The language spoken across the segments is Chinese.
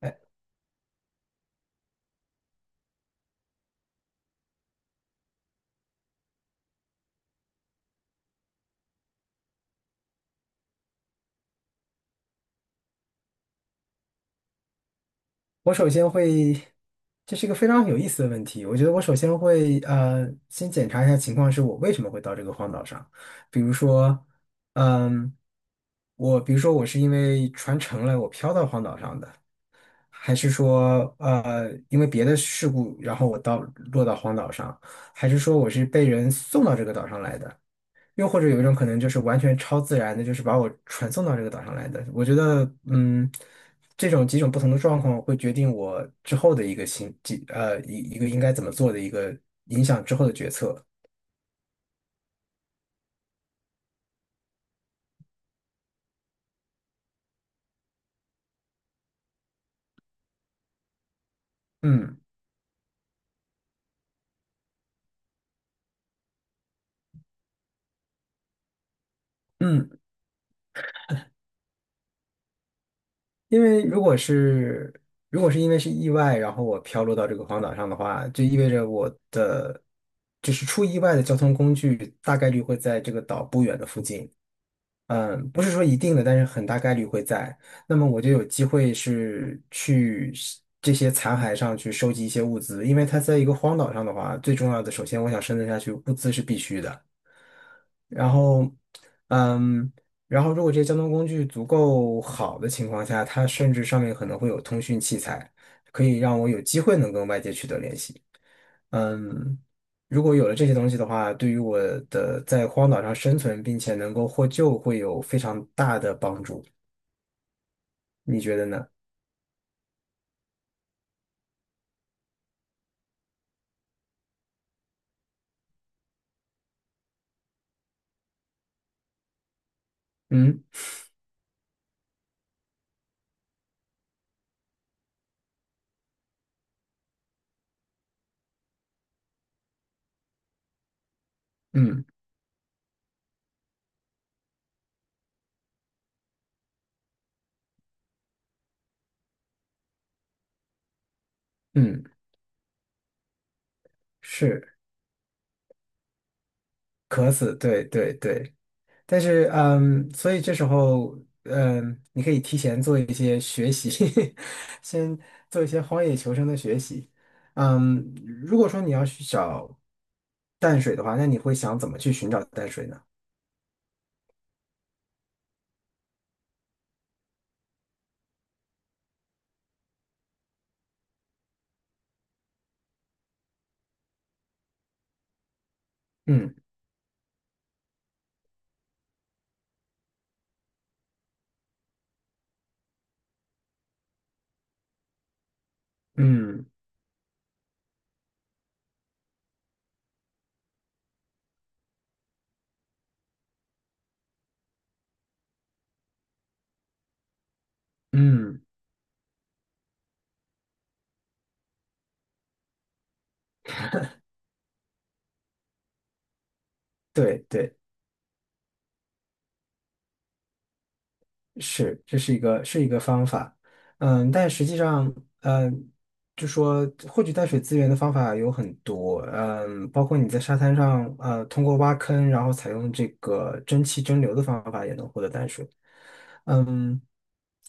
哎，我首先会，这是一个非常有意思的问题。我觉得我首先会先检查一下情况，是我为什么会到这个荒岛上。比如说，嗯，我比如说我是因为船沉了，我漂到荒岛上的，还是说因为别的事故，然后我到落到荒岛上，还是说我是被人送到这个岛上来的？又或者有一种可能就是完全超自然的，就是把我传送到这个岛上来的。我觉得，这种几种不同的状况会决定我之后的一个行，一个应该怎么做的一个影响之后的决策。嗯嗯。因为如果是因为是意外，然后我飘落到这个荒岛上的话，就意味着我的就是出意外的交通工具大概率会在这个岛不远的附近。嗯，不是说一定的，但是很大概率会在。那么我就有机会是去是这些残骸上去收集一些物资，因为它在一个荒岛上的话，最重要的，首先我想生存下去，物资是必须的。然后，嗯，然后如果这些交通工具足够好的情况下，它甚至上面可能会有通讯器材，可以让我有机会能跟外界取得联系。嗯。如果有了这些东西的话，对于我的在荒岛上生存并且能够获救会有非常大的帮助。你觉得呢？嗯。嗯嗯，是，渴死，对对对。但是，所以这时候，你可以提前做一些学习，先做一些荒野求生的学习。嗯，如果说你要去找淡水的话，那你会想怎么去寻找淡水呢？嗯嗯嗯，对对。是，这是一个是一个方法，但实际上，嗯，就说获取淡水资源的方法有很多，包括你在沙滩上，通过挖坑，然后采用这个蒸汽蒸馏的方法也能获得淡水。嗯，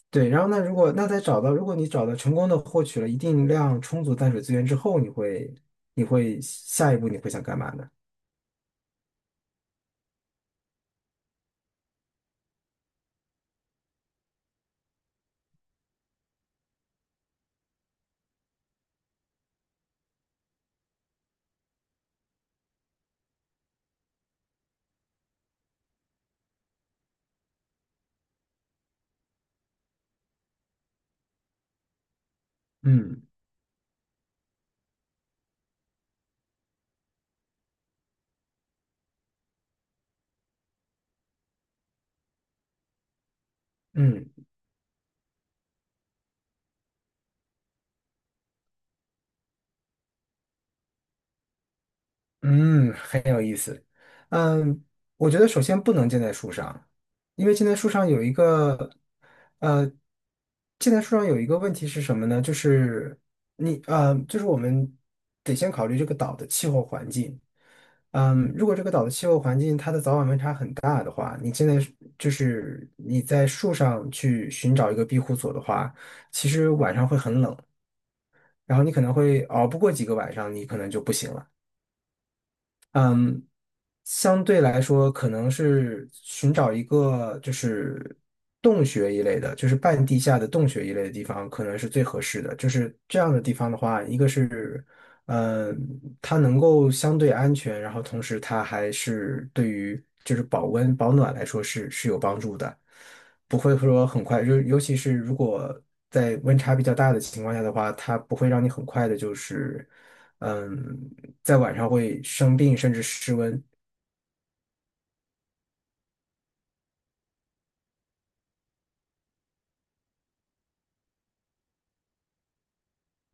对，然后呢，如果那在找到，如果你找到成功的获取了一定量充足淡水资源之后，你会下一步你会想干嘛呢？嗯嗯嗯。嗯，我觉得首先不能建在树上，因为建在树上有一个，呃，建在树上有一个问题是什么呢？就是你，就是我们得先考虑这个岛的气候环境。嗯，如果这个岛的气候环境它的早晚温差很大的话，你现在是就是你在树上去寻找一个庇护所的话，其实晚上会很冷，然后你可能会熬不过几个晚上，你可能就不行了。嗯，相对来说，可能是寻找一个就是洞穴一类的，就是半地下的洞穴一类的地方，可能是最合适的。就是这样的地方的话，一个是，嗯，它能够相对安全，然后同时它还是对于就是保温保暖来说是是有帮助的，不会说很快，就尤其是如果在温差比较大的情况下的话，它不会让你很快的就是。嗯，在晚上会生病，甚至失温。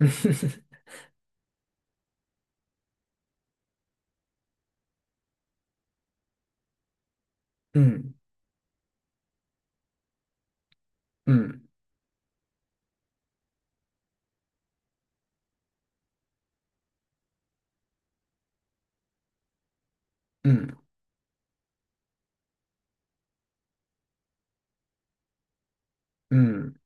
嗯嗯嗯嗯嗯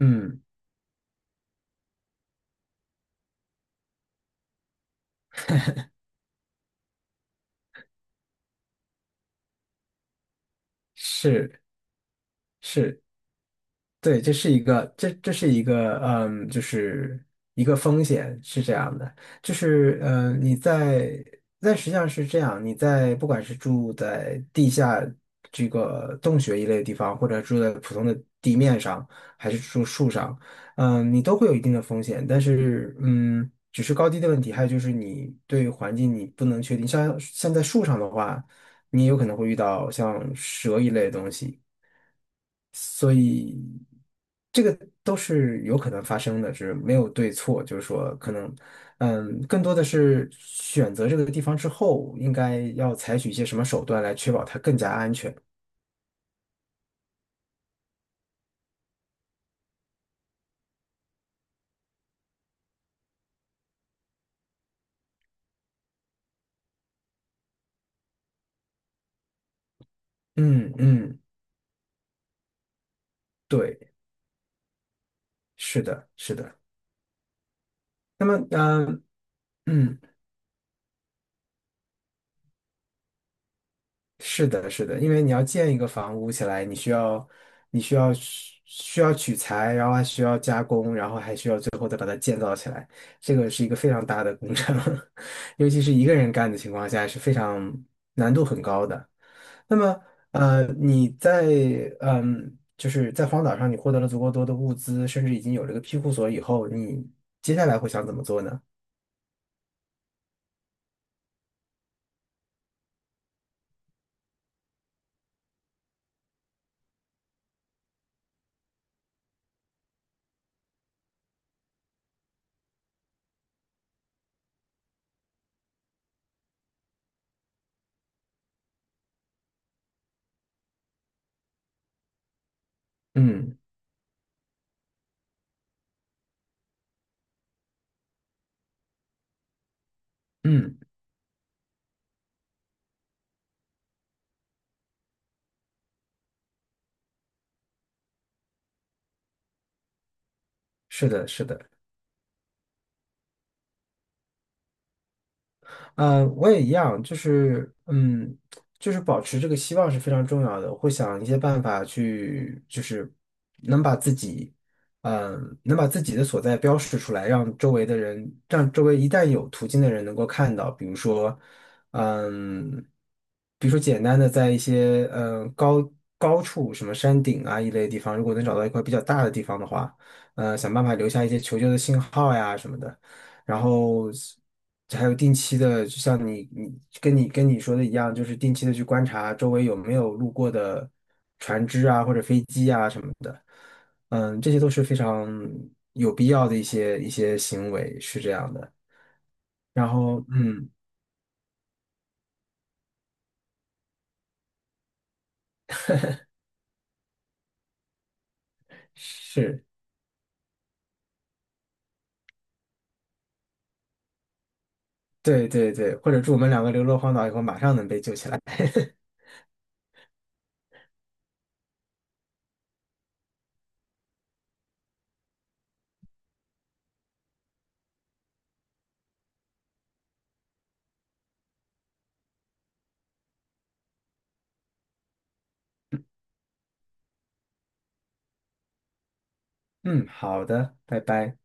嗯，是是。对，这是一个，这这是一个，就是一个风险是这样的，就是，你在，但实际上是这样，你在不管是住在地下这个洞穴一类的地方，或者住在普通的地面上，还是住树上，你都会有一定的风险，但是，只是高低的问题，还有就是你对环境你不能确定，像在树上的话，你有可能会遇到像蛇一类的东西。这个都是有可能发生的，是没有对错，就是说可能，更多的是选择这个地方之后，应该要采取一些什么手段来确保它更加安全。嗯，嗯，对，是的，是的。那么，嗯嗯。是的，是的，因为你要建一个房屋起来，你需要，你需要取材，然后还需要加工，然后还需要最后再把它建造起来，这个是一个非常大的工程，尤其是一个人干的情况下是非常难度很高的。那么，你在就是在荒岛上，你获得了足够多的物资，甚至已经有了一个庇护所以后，你接下来会想怎么做呢？嗯嗯，是的，是的。嗯，我也一样，就是就是保持这个希望是非常重要的。我会想一些办法去，就是能把自己，能把自己的所在标示出来，让周围的人，让周围一旦有途径的人能够看到。比如说，嗯，比如说简单的在一些高处，什么山顶啊一类地方，如果能找到一块比较大的地方的话，想办法留下一些求救的信号呀什么的。然后还有定期的，就像你跟你说的一样，就是定期的去观察周围有没有路过的船只啊或者飞机啊什么的，这些都是非常有必要的一些行为，是这样的。然后是，对对对，或者祝我们两个流落荒岛以后马上能被救起来。嗯，好的，拜拜。